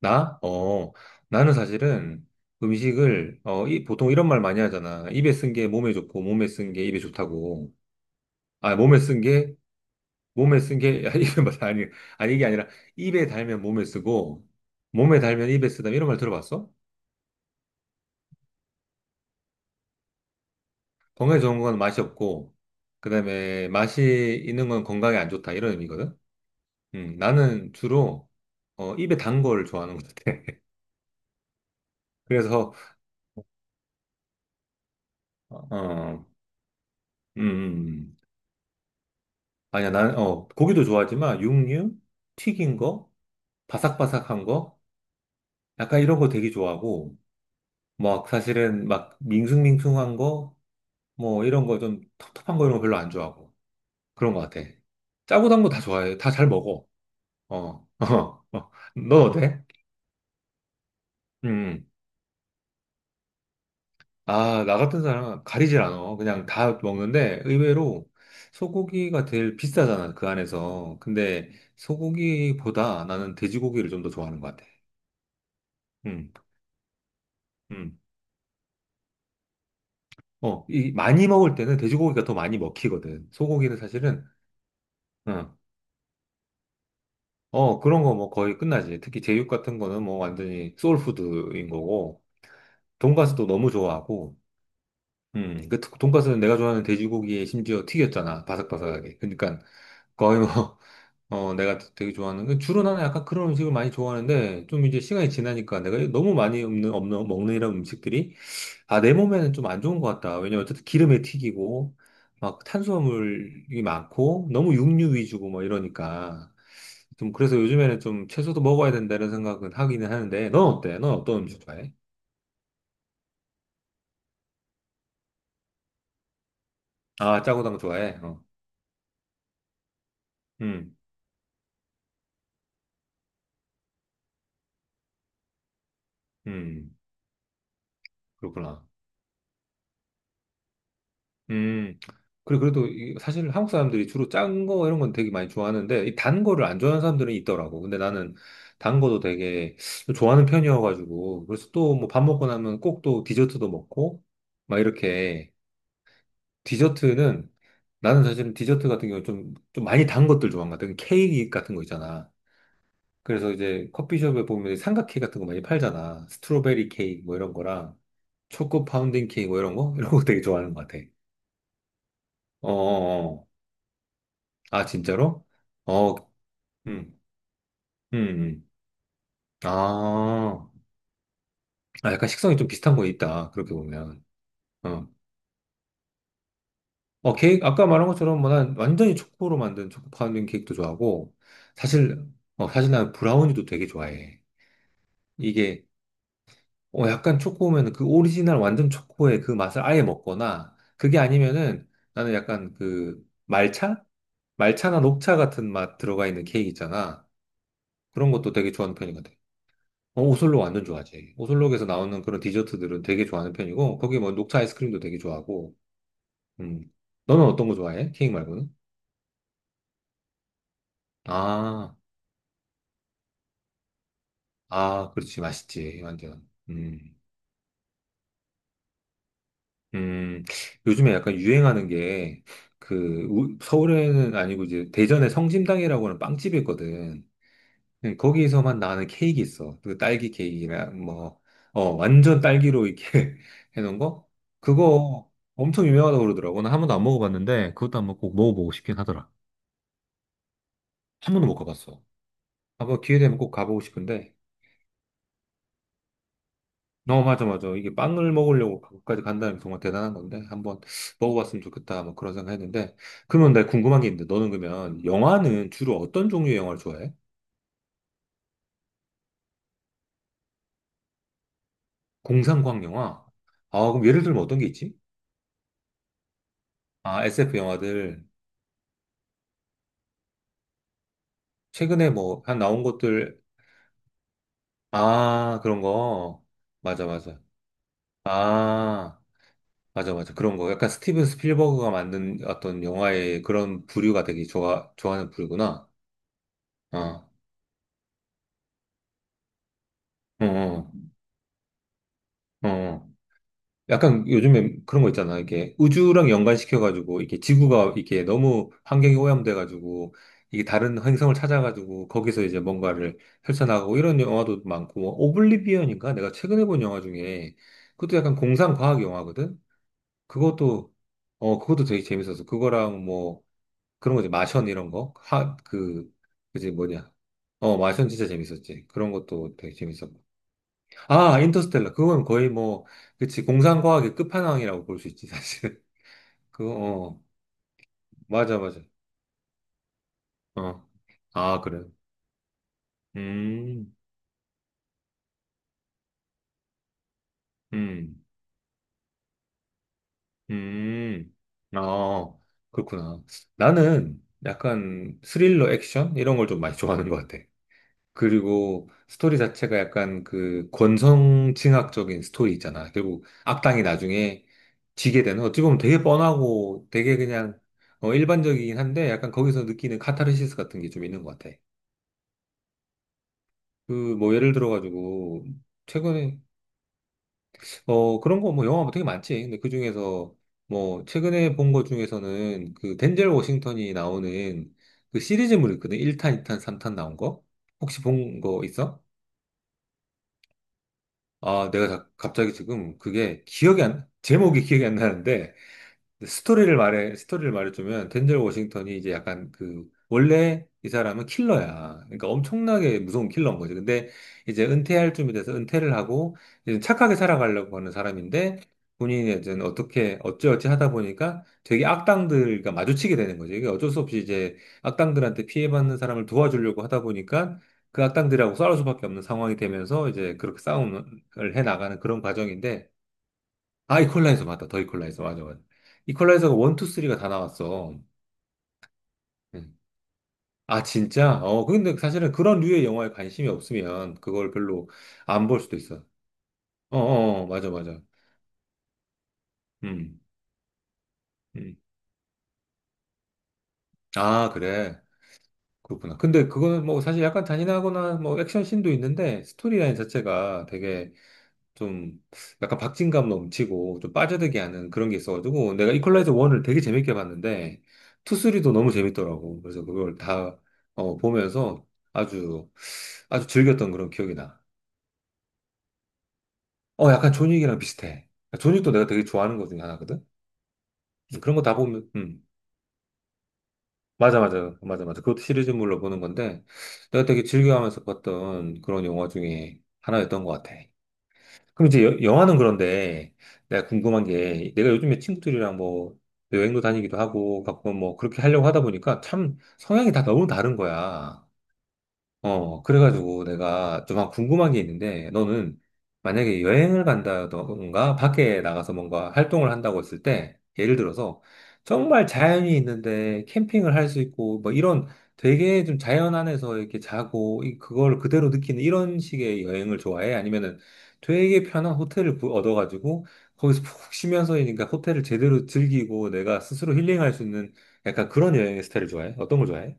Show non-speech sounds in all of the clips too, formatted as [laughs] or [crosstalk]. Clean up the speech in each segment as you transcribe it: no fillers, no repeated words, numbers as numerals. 나? 나는 사실은 음식을, 보통 이런 말 많이 하잖아. 입에 쓴 게 몸에 좋고, 몸에 쓴 게 입에 좋다고. 아, 몸에 쓴 게, [laughs] 야, 입에, 맞아. 아니, 아니, 이게 아니라, 입에 달면 몸에 쓰고, 몸에 달면 입에 쓰다. 이런 말 들어봤어? 건강에 좋은 건 맛이 없고, 그 다음에 맛이 있는 건 건강에 안 좋다. 이런 의미거든? 나는 주로, 입에 단 걸 좋아하는 것 같아. [laughs] 그래서, 어, 음, 음. 음. 아니야, 난, 고기도 좋아하지만, 육류? 튀긴 거? 바삭바삭한 거? 약간 이런 거 되게 좋아하고, 막, 사실은 막, 밍숭밍숭한 거? 뭐, 이런 거 좀 텁텁한 거 이런 거 별로 안 좋아하고. 그런 거 같아. 짜고 단 거 다 좋아해. 다 잘 먹어. 어, [laughs] 어, 어. 넌 어때? 음. 아, 나 같은 사람은 가리질 않아. 그냥 다 먹는데, 의외로 소고기가 제일 비싸잖아, 그 안에서. 근데 소고기보다 나는 돼지고기를 좀 더 좋아하는 것 같아. 음, 음. 이 많이 먹을 때는 돼지고기가 더 많이 먹히거든. 소고기는 사실은, 어, 그런 거 뭐 거의 끝나지. 특히 제육 같은 거는 뭐 완전히 소울푸드인 거고, 돈가스도 너무 좋아하고, 그 돈가스는 내가 좋아하는 돼지고기에 심지어 튀겼잖아. 바삭바삭하게. 그러니까 거의 뭐, [laughs] 내가 되게 좋아하는, 그 주로 나는 약간 그런 음식을 많이 좋아하는데, 좀 이제 시간이 지나니까 내가 너무 많이 먹는 이런 음식들이 아, 내 몸에는 좀 안 좋은 것 같다. 왜냐면 어쨌든 기름에 튀기고, 막 탄수화물이 많고, 너무 육류 위주고 뭐 이러니까. 좀 그래서 요즘에는 좀 채소도 먹어야 된다는 생각은 하기는 하는데, 넌 어때? 넌 어떤 음식 좋아해? 아, 짜고 단 거 좋아해? 어. 음, 음, 그렇구나. 음. 그래, 그래도 사실 한국 사람들이 주로 짠 거 이런 건 되게 많이 좋아하는데, 이 단 거를 안 좋아하는 사람들은 있더라고. 근데 나는 단 거도 되게 좋아하는 편이어가지고, 그래서 또 뭐 밥 먹고 나면 꼭 또 디저트도 먹고, 막 이렇게. 디저트는, 나는 사실은 디저트 같은 경우 좀 많이 단 것들 좋아한 것 같아. 그 케이크 같은 거 있잖아. 그래서 이제 커피숍에 보면 삼각 케이크 같은 거 많이 팔잖아. 스트로베리 케이크 뭐 이런 거랑, 초코 파운딩 케이크 뭐 이런 거? [laughs] 이런 거 되게 좋아하는 것 같아. 어. 어, 어. 아, 진짜로? 어, 음, 음, 음. 아, 아, 약간 식성이 좀 비슷한 거 있다. 그렇게 보면. 어, 케이크, 아까 말한 것처럼 뭐 난 완전히 초코로 만든 초코 파운딩 케이크도 좋아하고, 사실, 사실 난 브라우니도 되게 좋아해. 이게, 약간 초코면 그 오리지널 완전 초코의 그 맛을 아예 먹거나, 그게 아니면은 나는 약간 그 말차? 말차나 녹차 같은 맛 들어가 있는 케이크 있잖아. 그런 것도 되게 좋아하는 편인 것 같아. 어, 오슬로 완전 좋아하지. 오슬로에서 나오는 그런 디저트들은 되게 좋아하는 편이고, 거기 뭐 녹차 아이스크림도 되게 좋아하고, 음. 너는 어떤 거 좋아해? 케이크 말고는? 아, 아, 그렇지. 맛있지. 완전. 음. 요즘에 약간 유행하는 게, 그, 서울에는 아니고 이제 대전에 성심당이라고 하는 빵집이 있거든. 네, 거기서만 나는 케이크 있어. 그 딸기 케이크나 뭐, 어, 완전 딸기로 이렇게 [laughs] 해놓은 거? 그거 엄청 유명하다고 그러더라고. 나 한 번도 안 먹어봤는데, 그것도 한번 꼭 먹어보고 싶긴 하더라. 한 번도 못 가봤어. 한번 기회 되면 꼭 가보고 싶은데, 어, 맞아, 맞아. 이게 빵을 먹으려고 거기까지 간다는 게 정말 대단한 건데, 한번 먹어봤으면 좋겠다. 뭐 그런 생각 했는데, 그러면 나 궁금한 게 있는데, 너는 그러면 영화는 주로 어떤 종류의 영화를 좋아해? 공상과학 영화? 아, 그럼 예를 들면 어떤 게 있지? 아, SF 영화들. 최근에 뭐, 한 나온 것들, 아, 그런 거. 맞아, 맞아. 아, 맞아, 맞아. 그런 거. 약간 스티븐 스필버그가 만든 어떤 영화의 그런 부류가 되게 좋아하는 부류구나. 어, 어, 어. 어. 약간 요즘에 그런 거 있잖아. 이게 우주랑 연관시켜가지고, 이게 지구가 이게 너무 환경이 오염돼가지고, 이게 다른 행성을 찾아가지고, 거기서 이제 뭔가를 펼쳐나가고, 이런 영화도 많고, 뭐 오블리비언인가? 내가 최근에 본 영화 중에, 그것도 약간 공상과학 영화거든? 그것도 그것도 되게 재밌었어. 그거랑 뭐 그런 거지 마션 이런 거. 하 그 그지 뭐냐. 마션 진짜 재밌었지. 그런 것도 되게 재밌었고. 아 인터스텔라 그건 거의 뭐 그치 공상과학의 끝판왕이라고 볼 수 있지 사실. [laughs] 그거 어 맞아 맞아. 어 아 그래. 음 음, 음. 아 그렇구나. 나는 약간 스릴러 액션 이런 걸 좀 많이 좋아하는 것 같아. 그리고 스토리 자체가 약간 그 권선징악적인 스토리 있잖아. 결국 악당이 나중에 지게 되는 어찌 보면 되게 뻔하고 되게 그냥 일반적이긴 한데 약간 거기서 느끼는 카타르시스 같은 게 좀 있는 것 같아. 그 뭐 예를 들어가지고 최근에 그런 거 뭐 영화 뭐 되게 많지. 근데 그 중에서 뭐 최근에 본 것 중에서는 그 덴젤 워싱턴이 나오는 그 시리즈물 있거든. 1탄, 2탄, 3탄 나온 거. 혹시 본 거 있어? 아, 내가 갑자기 지금 그게 기억이 안, 제목이 기억이 안 나는데, 스토리를 말해주면, 덴젤 워싱턴이 이제 약간 그, 원래 이 사람은 킬러야. 그러니까 엄청나게 무서운 킬러인 거지. 근데 이제 은퇴할 쯤이 돼서 은퇴를 하고, 이제 착하게 살아가려고 하는 사람인데, 본인이 이제 어떻게, 어찌어찌 하다 보니까 되게 악당들과 마주치게 되는 거지. 이게 어쩔 수 없이 이제 악당들한테 피해받는 사람을 도와주려고 하다 보니까, 그 악당들하고 싸울 수밖에 없는 상황이 되면서 이제 그렇게 싸움을 해 나가는 그런 과정인데, 아, 이퀄라이저 맞다. 더 이퀄라이저. 맞아, 맞아. 이퀄라이저가 원, 투, 쓰리가다 나왔어. 음. 아, 진짜? 어, 근데 사실은 그런 류의 영화에 관심이 없으면 그걸 별로 안 볼 수도 있어. 어, 어, 어, 맞아, 맞아. 음, 음. 아, 그래. 그렇구나. 근데 그거는 뭐 사실 약간 잔인하거나 뭐 액션 씬도 있는데 스토리라인 자체가 되게 좀 약간 박진감 넘치고 좀 빠져들게 하는 그런 게 있어가지고 내가 이퀄라이저 1을 되게 재밌게 봤는데 2, 3도 너무 재밌더라고. 그래서 그걸 다 보면서 아주 아주 즐겼던 그런 기억이 나. 약간 존윅이랑 비슷해. 존윅도 내가 되게 좋아하는 것 중에 하나거든. 그런 거 다 보면 맞아 맞아 맞아 맞아 그것도 시리즈물로 보는 건데 내가 되게 즐겨하면서 봤던 그런 영화 중에 하나였던 것 같아. 그럼 이제 영화는 그런데 내가 궁금한 게 내가 요즘에 친구들이랑 뭐 여행도 다니기도 하고 가끔 뭐 그렇게 하려고 하다 보니까 참 성향이 다 너무 다른 거야. 어, 그래가지고 내가 좀 궁금한 게 있는데, 너는 만약에 여행을 간다던가 밖에 나가서 뭔가 활동을 한다고 했을 때, 예를 들어서 정말 자연이 있는데 캠핑을 할 수 있고, 뭐 이런 되게 좀 자연 안에서 이렇게 자고, 그걸 그대로 느끼는 이런 식의 여행을 좋아해? 아니면은 되게 편한 호텔을 얻어가지고, 거기서 푹 쉬면서 그러니까 호텔을 제대로 즐기고 내가 스스로 힐링할 수 있는 약간 그런 여행의 스타일을 좋아해? 어떤 걸 좋아해?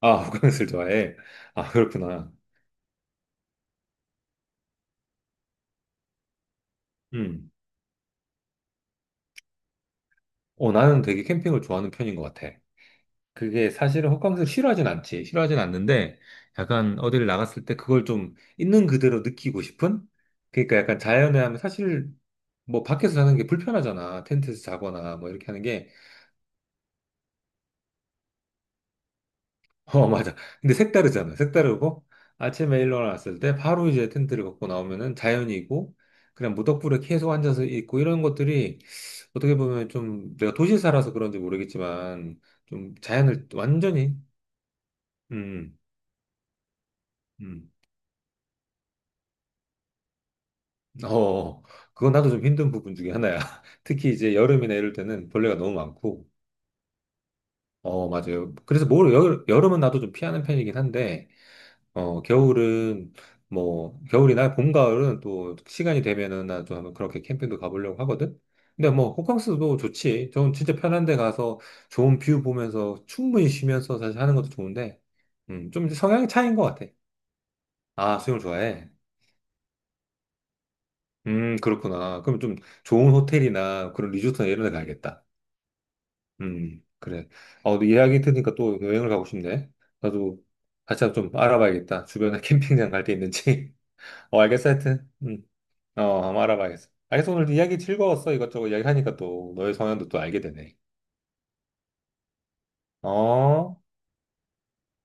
아, 호캉스를 좋아해. 아, 그렇구나. 음. 어, 나는 되게 캠핑을 좋아하는 편인 것 같아. 그게 사실은 호캉스를 싫어하진 않지. 싫어하진 않는데, 약간 어디를 나갔을 때 그걸 좀 있는 그대로 느끼고 싶은? 그러니까 약간 자연에 하면 사실 뭐 밖에서 자는 게 불편하잖아. 텐트에서 자거나 뭐 이렇게 하는 게. 어, [laughs] 맞아. 근데 색다르잖아. 색다르고 아침에 일어났을 때 바로 이제 텐트를 걷고 나오면은 자연이고 그냥 무덕불에 계속 앉아서 있고 이런 것들이 어떻게 보면 좀 내가 도시에 살아서 그런지 모르겠지만 좀 자연을 완전히 음, 음. 어, 그건 나도 좀 힘든 부분 중에 하나야. [laughs] 특히 이제 여름이나 이럴 때는 벌레가 너무 많고 어, 맞아요. 그래서 뭘 여름은 나도 좀 피하는 편이긴 한데 겨울은 뭐 겨울이나 봄, 가을은 또 시간이 되면은 나좀 한번 그렇게 캠핑도 가보려고 하거든. 근데 뭐 호캉스도 좋지. 좀 진짜 편한 데 가서 좋은 뷰 보면서 충분히 쉬면서 사실 하는 것도 좋은데, 좀 성향 차이인 것 같아. 아, 수영을 좋아해. 그렇구나. 그럼 좀 좋은 호텔이나 그런 리조트나 이런 데 가야겠다. 그래. 어, 너 이야기 들으니까 또 여행을 가고 싶네. 나도 같이 한번 좀 알아봐야겠다. 주변에 [laughs] 캠핑장 갈데 있는지. [laughs] 어, 알겠어. 하여튼. 음. 어, 한번 알아봐야겠어. 알겠어. 오늘 이야기 즐거웠어. 이것저것 이야기하니까 또 너의 성향도 또 알게 되네. 어?